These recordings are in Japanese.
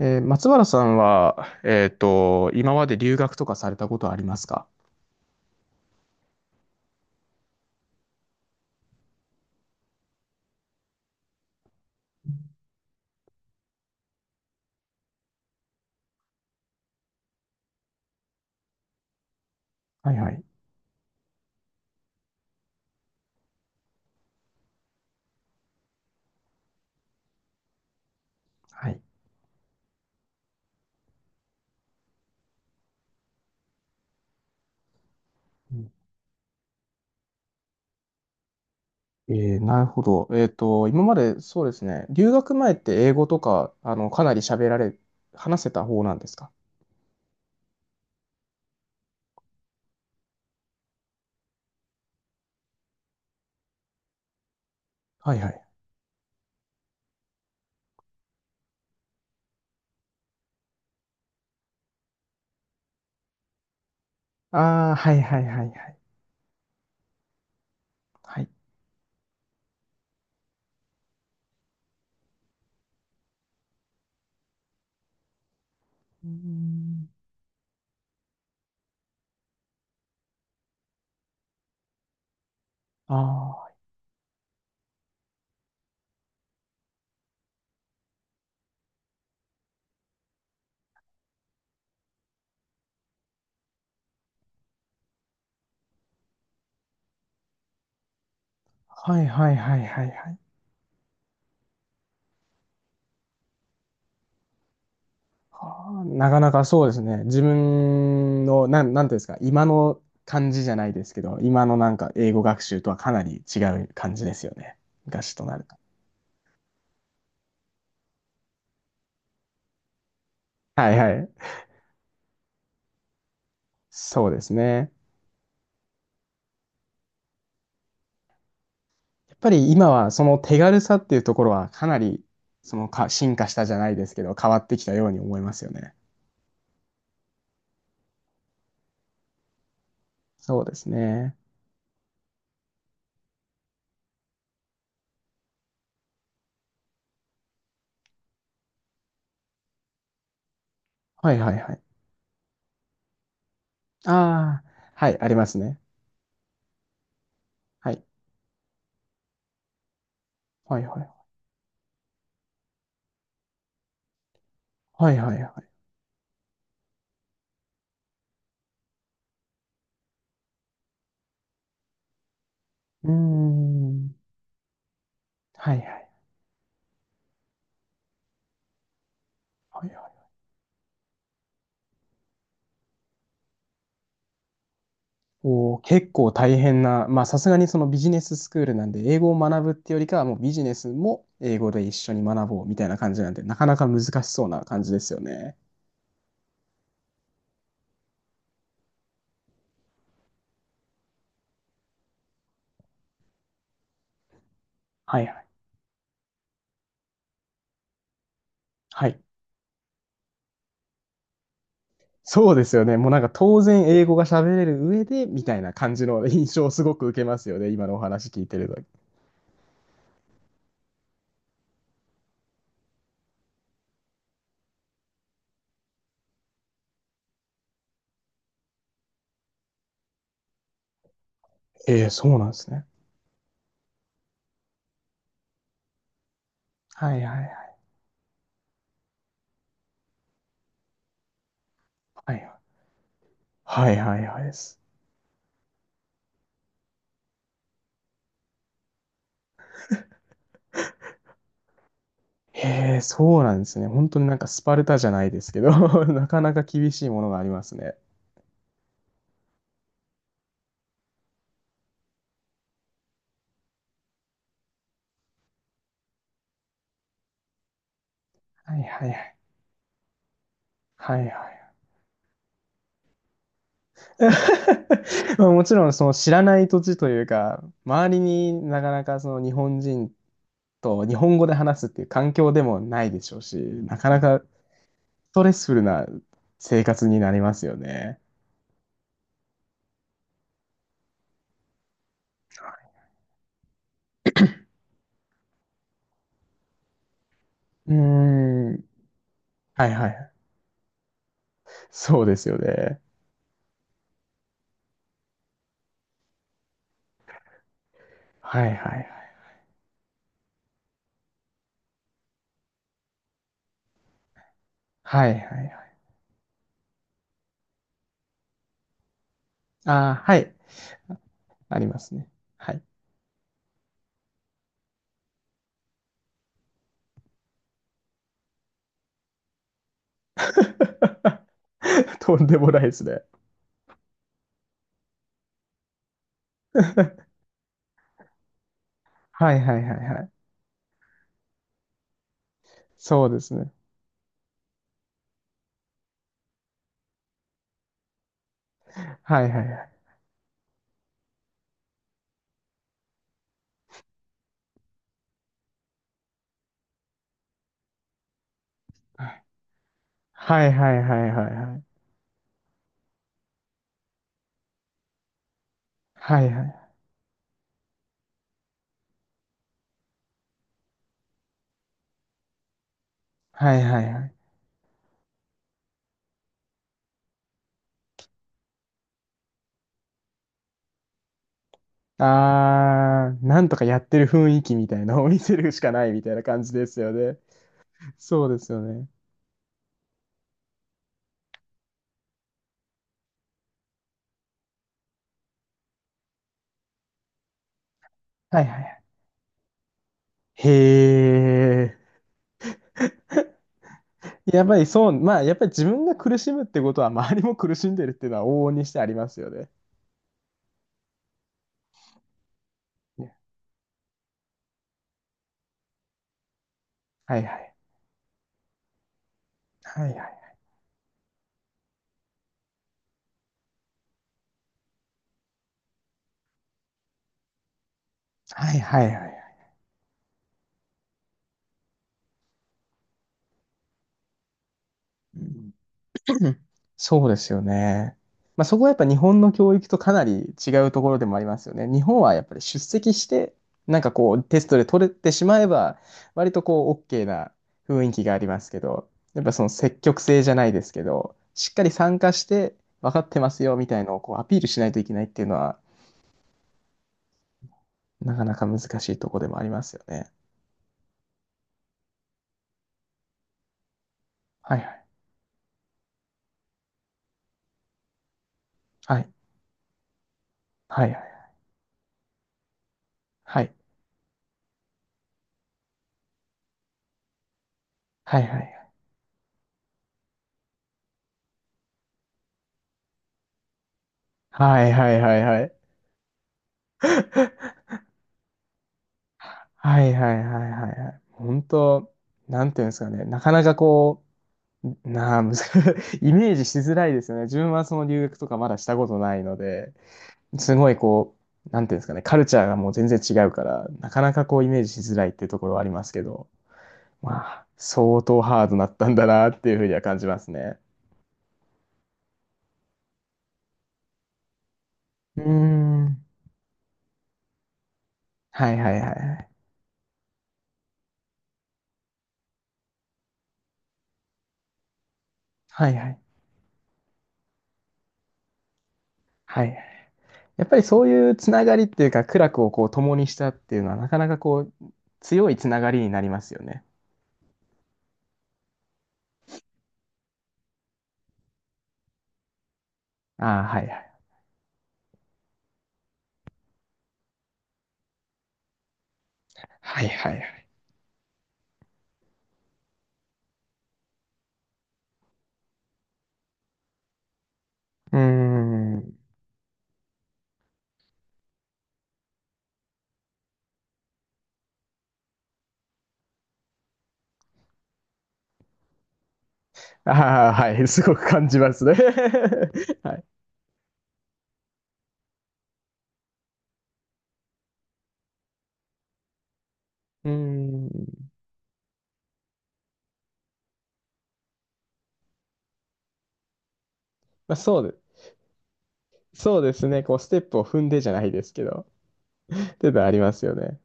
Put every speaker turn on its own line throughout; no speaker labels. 松原さんは、今まで留学とかされたことありますか？はいはい。はい。うん。なるほど。今までそうですね、留学前って英語とか、かなり喋られ、話せた方なんですか？はいはい。ああ、はいはいはいはい。はい。うーん。ああ、はいはいはいはいはい。はあ、なかなかそうですね。自分の、なんていうんですか、今の感じじゃないですけど、今のなんか英語学習とはかなり違う感じですよね。昔となると。はいはい。そうですね。やっぱり今はその手軽さっていうところはかなりそのか進化したじゃないですけど、変わってきたように思いますよね。そうですね。はいはいはい。ああ、はい、ありますね。はい。はいはい。はいはいはい。うーん。はいはい。はいはい。おー、結構大変な、まあさすがにそのビジネススクールなんで、英語を学ぶってよりかはもうビジネスも英語で一緒に学ぼうみたいな感じなんで、なかなか難しそうな感じですよね。はいはい。はい。そうですよね。もうなんか当然英語が喋れる上でみたいな感じの印象をすごく受けますよね。今のお話聞いてると。ええ、そうなんですね。はいはいはい。はいはいはいはいです。へえ、そうなんですね。本当になんかスパルタじゃないですけど、なかなか厳しいものがありますね。はいはいはい。はいはい。まあもちろんその知らない土地というか、周りになかなかその日本人と日本語で話すっていう環境でもないでしょうし、なかなかストレスフルな生活になりますよね。うーん。はいはい。そうですよね。はいはいはい。はいはいはい。ああ、はい。ありますね。はい。とんでもないですね。はいはいはいはい。そうですね。はいはいはい。はいはいはいはいはい。はいはい。はいはいはい。あー、なんとかやってる雰囲気みたいなのを見せるしかないみたいな感じですよね。そうですよね。はいはいはい。へー。やっぱりそう、まあやっぱり自分が苦しむってことは周りも苦しんでるっていうのは往々にしてありますよね。ね。はいはい。はいはい。はいはいはいはい。うんうん。そうですよね。まあ、そこはやっぱ日本の教育とかなり違うところでもありますよね。日本はやっぱり出席して、なんかこうテストで取れてしまえば、割とこう OK な雰囲気がありますけど、やっぱその積極性じゃないですけど、しっかり参加して分かってますよみたいのをこうアピールしないといけないっていうのは、なかなか難しいところでもありますよね。はいはい。はい。はいはい。はい。はいはいはい。はいはいはいはい。はいはいはいはいはい。本当、なんていうんですかね。なかなかこう、なあ、むず イメージしづらいですよね。自分はその留学とかまだしたことないので、すごいこう、なんていうんですかね。カルチャーがもう全然違うから、なかなかこうイメージしづらいっていうところはありますけど、まあ、相当ハードだったんだなっていうふうには感じますね。うーん。はいはいはいはい。はいはい。はいはい。やっぱりそういうつながりっていうか、苦楽をこう共にしたっていうのは、なかなかこう、強いつながりになりますよね。ああ、はいはい。はいはいはい。うーん。ああ、はい。すごく感じますね。はい。うーん。まあ、そうですね。こう、ステップを踏んでじゃないですけど、っていうのはありますよね。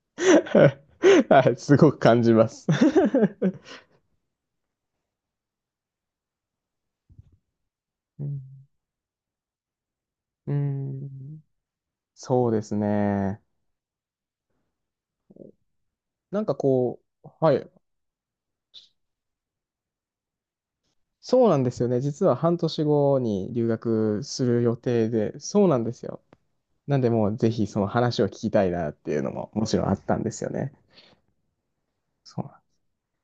はい。すごく感じます。うん。うーん。そうですね。なんかこう、はい。そうなんですよね。実は半年後に留学する予定で、そうなんですよ。なんで、もうぜひその話を聞きたいなっていうのももちろんあったんですよね。そうなん。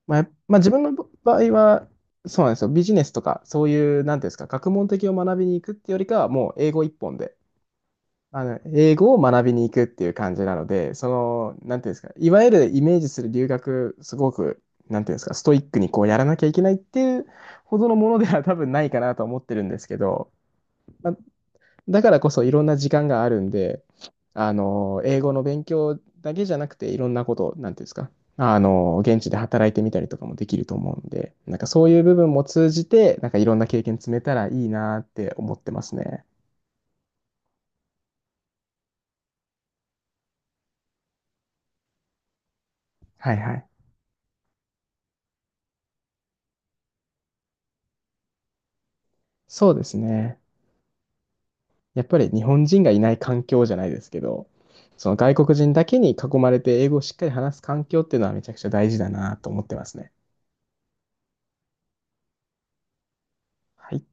まあ、まあ、自分の場合は、そうなんですよ。ビジネスとか、そういう、なんていうんですか、学問的を学びに行くってよりかは、もう英語一本で、英語を学びに行くっていう感じなので、なんていうんですか、いわゆるイメージする留学、すごく、なんていうんですか、ストイックにこうやらなきゃいけないっていうほどのものでは多分ないかなと思ってるんですけど、まあ、だからこそいろんな時間があるんで、英語の勉強だけじゃなくて、いろんなこと、なんていうんですか、現地で働いてみたりとかもできると思うんで、なんかそういう部分も通じて、なんかいろんな経験積めたらいいなって思ってますね。はいはい。そうですね。やっぱり日本人がいない環境じゃないですけど、その外国人だけに囲まれて英語をしっかり話す環境っていうのはめちゃくちゃ大事だなと思ってますね。はい。